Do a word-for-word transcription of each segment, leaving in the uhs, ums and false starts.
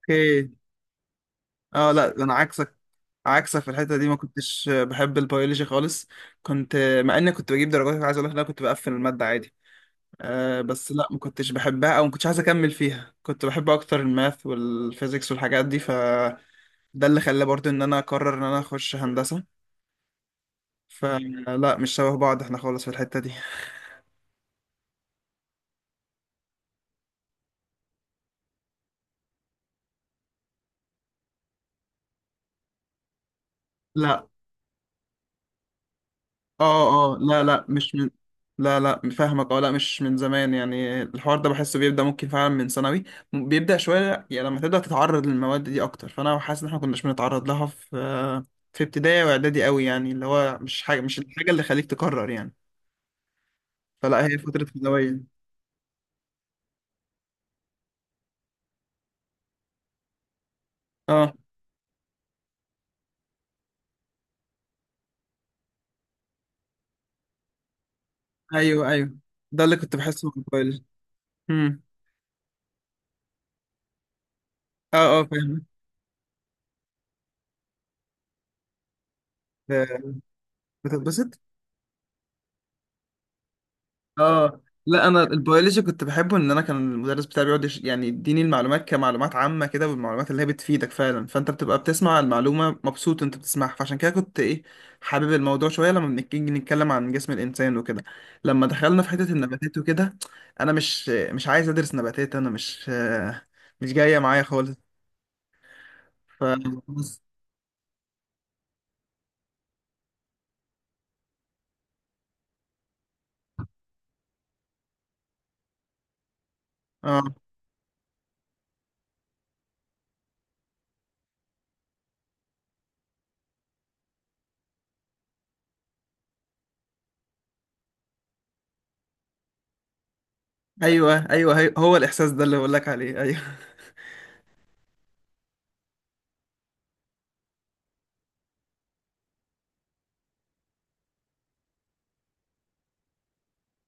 اوكي، اه، لا ده انا عكسك، عكسك في الحته دي، ما كنتش بحب البيولوجي خالص. كنت مع اني كنت بجيب درجات، عايز اقول لك إن انا كنت بقفل الماده عادي. آه بس لا، ما كنتش بحبها او ما كنتش عايز اكمل فيها. كنت بحب اكتر الماث والفيزيكس والحاجات دي، فده اللي خلى برضو ان انا اقرر ان انا اخش هندسه. فلا، مش شبه بعض احنا خالص في الحته دي. لا، اه اه، لا لا، مش من لا لا، فاهمك. اه، لا، مش من زمان، يعني الحوار ده بحسه بيبدأ ممكن فعلا من ثانوي. بيبدأ شوية، يعني لما تبدأ تتعرض للمواد دي أكتر. فأنا حاسس إن احنا كناش بنتعرض لها في في ابتدائي وإعدادي قوي، يعني اللي هو مش حاجة مش الحاجة اللي خليك تكرر، يعني. فلا، هي فترة ثانوية. اه، أيوه أيوه، ده اللي كنت بحسه من موبايل. امم اه اه، فاهمك. آه، بتتبسط. اه، لا، انا البيولوجي كنت بحبه، ان انا كان المدرس بتاعي بيقعد يش- يعني يديني المعلومات كمعلومات عامه كده، والمعلومات اللي هي بتفيدك فعلا، فانت بتبقى بتسمع المعلومه مبسوط انت بتسمعها، فعشان كده كنت ايه، حابب الموضوع شويه. لما بنيجي نتكلم عن جسم الانسان وكده. لما دخلنا في حته النباتات وكده، انا مش مش عايز ادرس نباتات، انا مش مش جايه معايا خالص. ف بس. اه، ايوه ايوه، هي- هو الاحساس ده اللي بقول لك عليه، ايوه.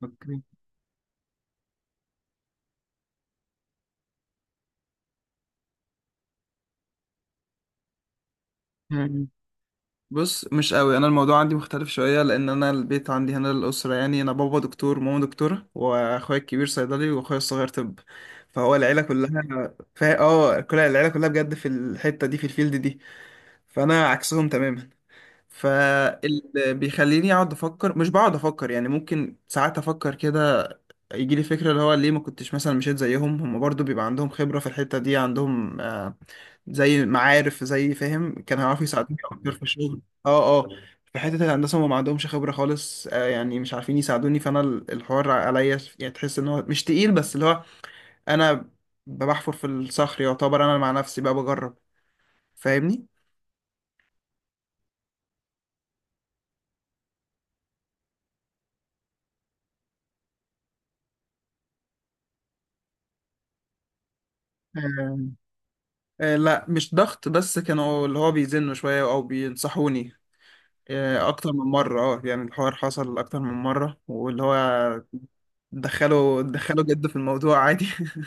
اوكي، بص، مش قوي، انا الموضوع عندي مختلف شويه لان انا البيت عندي هنا الاسره يعني، انا بابا دكتور وماما دكتوره واخويا الكبير صيدلي واخويا الصغير طب. فهو العيله كلها، فا اه كل العيله كلها بجد في الحته دي، في الفيلد دي. فانا عكسهم تماما. فاللي بيخليني اقعد افكر، مش بقعد افكر يعني، ممكن ساعات افكر كده، يجي لي فكرة اللي هو ليه ما كنتش مثلا مشيت زيهم؟ هم برضو بيبقى عندهم خبرة في الحتة دي، عندهم آه، زي معارف، زي، فاهم، كان هيعرفوا يساعدوني أكتر في الشغل. اه اه. في حتة الهندسة هم ما عندهمش خبرة خالص آه، يعني مش عارفين يساعدوني، فأنا ال- الحوار عليا يعني. تحس إن هو مش تقيل، بس اللي هو، أنا بحفر في الصخر يعتبر، أنا مع نفسي بقى بجرب. فاهمني؟ آه آه، لا، مش ضغط، بس كانوا اللي هو بيزنوا شوية أو بينصحوني آه، اكتر من مره. اه، يعني الحوار حصل اكتر من مره، واللي هو دخلوا دخلوا جد في الموضوع عادي.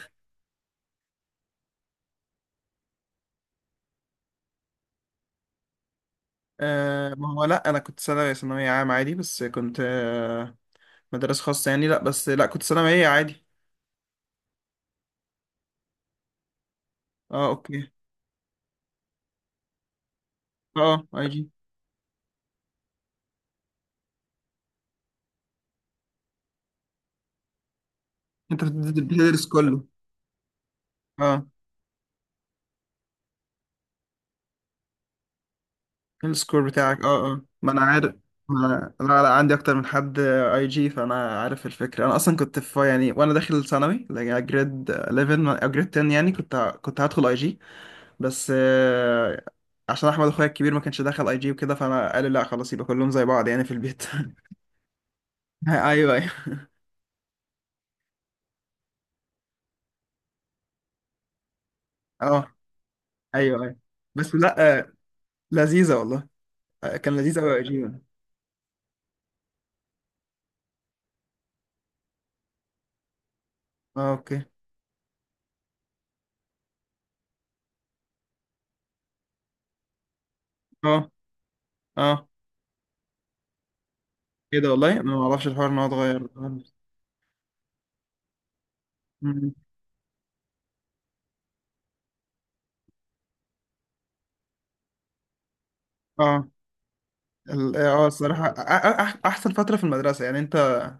آه، ما هو لا، انا كنت ثانوي ثانويه عام عادي، بس كنت آه، مدرسه خاصه يعني. لا، بس لا، كنت ثانويه عادي. اه، اوكي. اه، آه، اي جي. انت بتد- بتدرس كله. اه، السكور بتاعك، اه اه، ما انا عارف. ما انا، لا لا، عندي اكتر من حد اي جي، فانا عارف الفكره. انا اصلا كنت في، يعني، وانا داخل ثانوي جريد حداشر، جريد عشرة، يعني كنت كنت هدخل اي جي. بس آه، عشان احمد اخويا الكبير ما كانش دخل اي جي وكده، فانا قال لا، خلاص، يبقى كلهم زي بعض يعني في البيت. ايوه ايوه. اه، ايوه ايوه. بس لا، آه، لذيذه والله. آه، كان لذيذ قوي اي جي. اه، اوكي. اه اه، ايه ده، والله انا ما اعرفش الحوار ان هو اتغير خالص. مم. اه، ال- اه آه، الصراحه أ- أ- أح- احسن فتره في المدرسه يعني، انت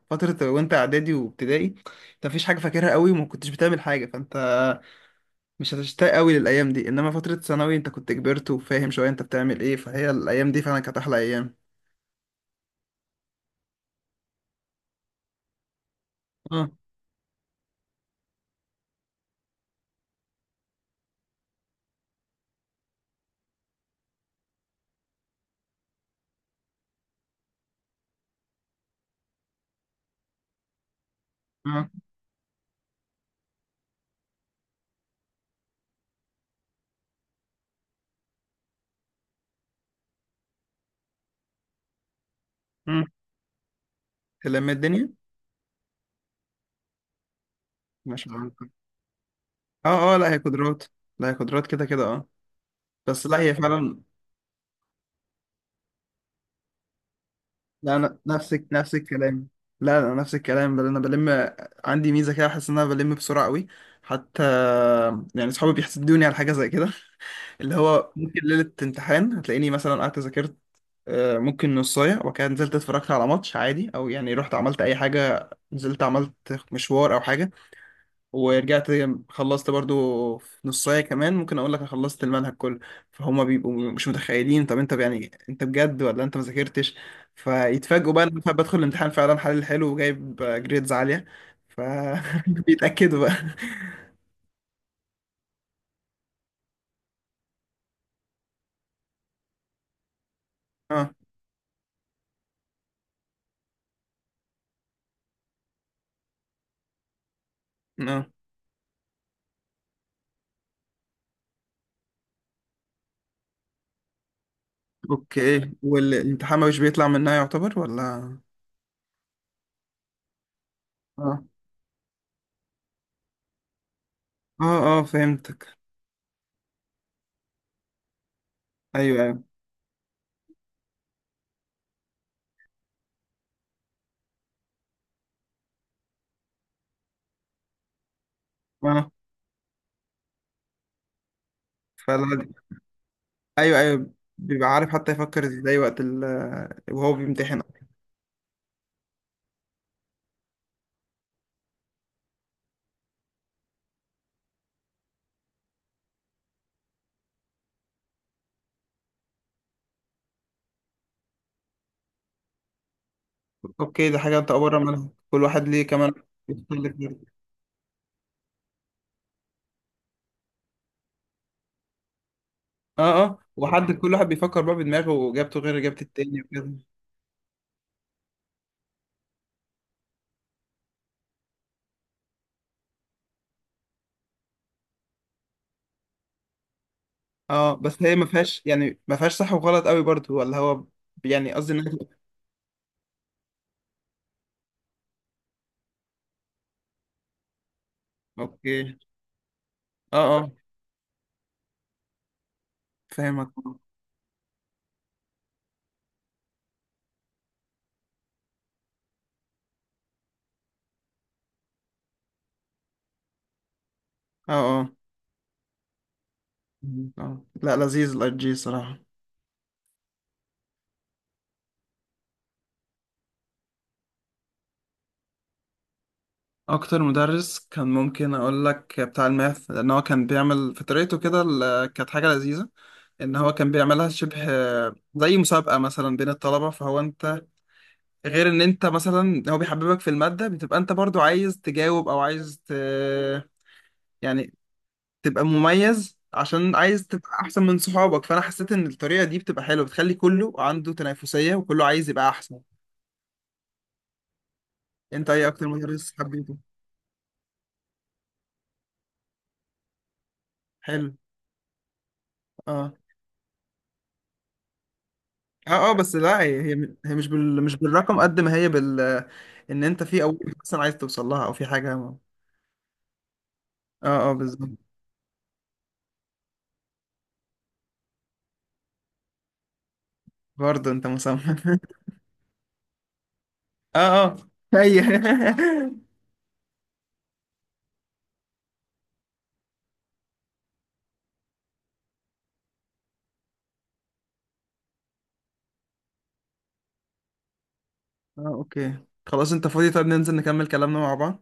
فتره وانت اعدادي وابتدائي انت مفيش حاجه فاكرها قوي، وما كنتش بتعمل حاجه، فانت مش هتشتاق قوي للايام دي، انما فتره ثانوي انت كنت كبرت وفاهم شويه انت بتعمل ايه، فهي الايام دي فعلا كانت احلى ايام. اه اه. امم لما الدنيا، ماشي معاك. اه اه، لا، هي قدرات، لا، هي قدرات كده كده. اه، بس لا، هي فعلا. لا، انا نفس نفس الكلام، لا، انا نفس الكلام، بل انا بلم، عندي ميزه كده، احس ان انا بلم بسرعه قوي حتى، يعني صحابي بيحسدوني على حاجه زي كده. اللي هو ممكن ليله امتحان هتلاقيني مثلا قعدت ذاكرت آه، ممكن نصاية، وكده نزلت اتفرجت على ماتش عادي، او يعني رحت عملت اي حاجة، نزلت عملت مشوار او حاجة، ورجعت، خلصت برضو في نصاية. كمان ممكن اقول لك أنا خلصت المنهج كله، فهم بيبقوا مش متخيلين، طب انت يعني انت بجد ولا انت ما ذاكرتش، فيتفاجئوا بقى ان انا بدخل الامتحان فعلا حلل حلو وجايب جريدز عالية. ف بيتأكدوا بقى. اه اه، اوكي، والامتحان مش بيطلع منها يعتبر ولا؟ اه اه، اه، فهمتك. ايوه ايوه، اه. فلا، ايوه ايوه، بيبقى عارف، حتى يفكر ازاي وقت ال وهو بيمتحن. اوكي، ده حاجه انت بره منها، كل واحد ليه كمان يختلف. غير- اه اه، وحد كل واحد بيفكر بقى بدماغه، واجابته غير اجابه التاني وكده. اه، بس هي ما فيهاش يعني، ما فيهاش صح وغلط قوي برضه، ولا هو، يعني قصدي ان، اوكي، اه اه، فاهمك. اه اه. اه، لا، لذيذ الاي جي صراحه. اكتر مدرس كان ممكن اقول لك بتاع الماث، لان هو كان بيعمل في طريقته كده ال- كانت حاجه لذيذه، ان هو كان بيعملها شبه زي مسابقه مثلا بين الطلبه، فهو انت، غير ان انت مثلا هو بيحببك في الماده، بتبقى انت برضو عايز تجاوب او عايز ت... يعني تبقى مميز، عشان عايز تبقى احسن من صحابك، فانا حسيت ان الطريقه دي بتبقى حلوه، بتخلي كله عنده تنافسيه وكله عايز يبقى احسن. انت ايه اكتر مدرس حبيته؟ حلو. آه. اه اه، بس لا، هي هي هي مش بال مش بالرقم قد ما هي بال، ان انت في او مثلا عايز توصل لها، او في حاجه، اه. اه، بالظبط. برضه انت مصمم. اه اه، هي. اه، اوكي، خلاص، انت فاضي، طب ننزل نكمل كلامنا مع بعض.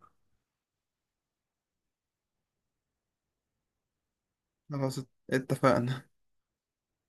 خلاص، اتفقنا.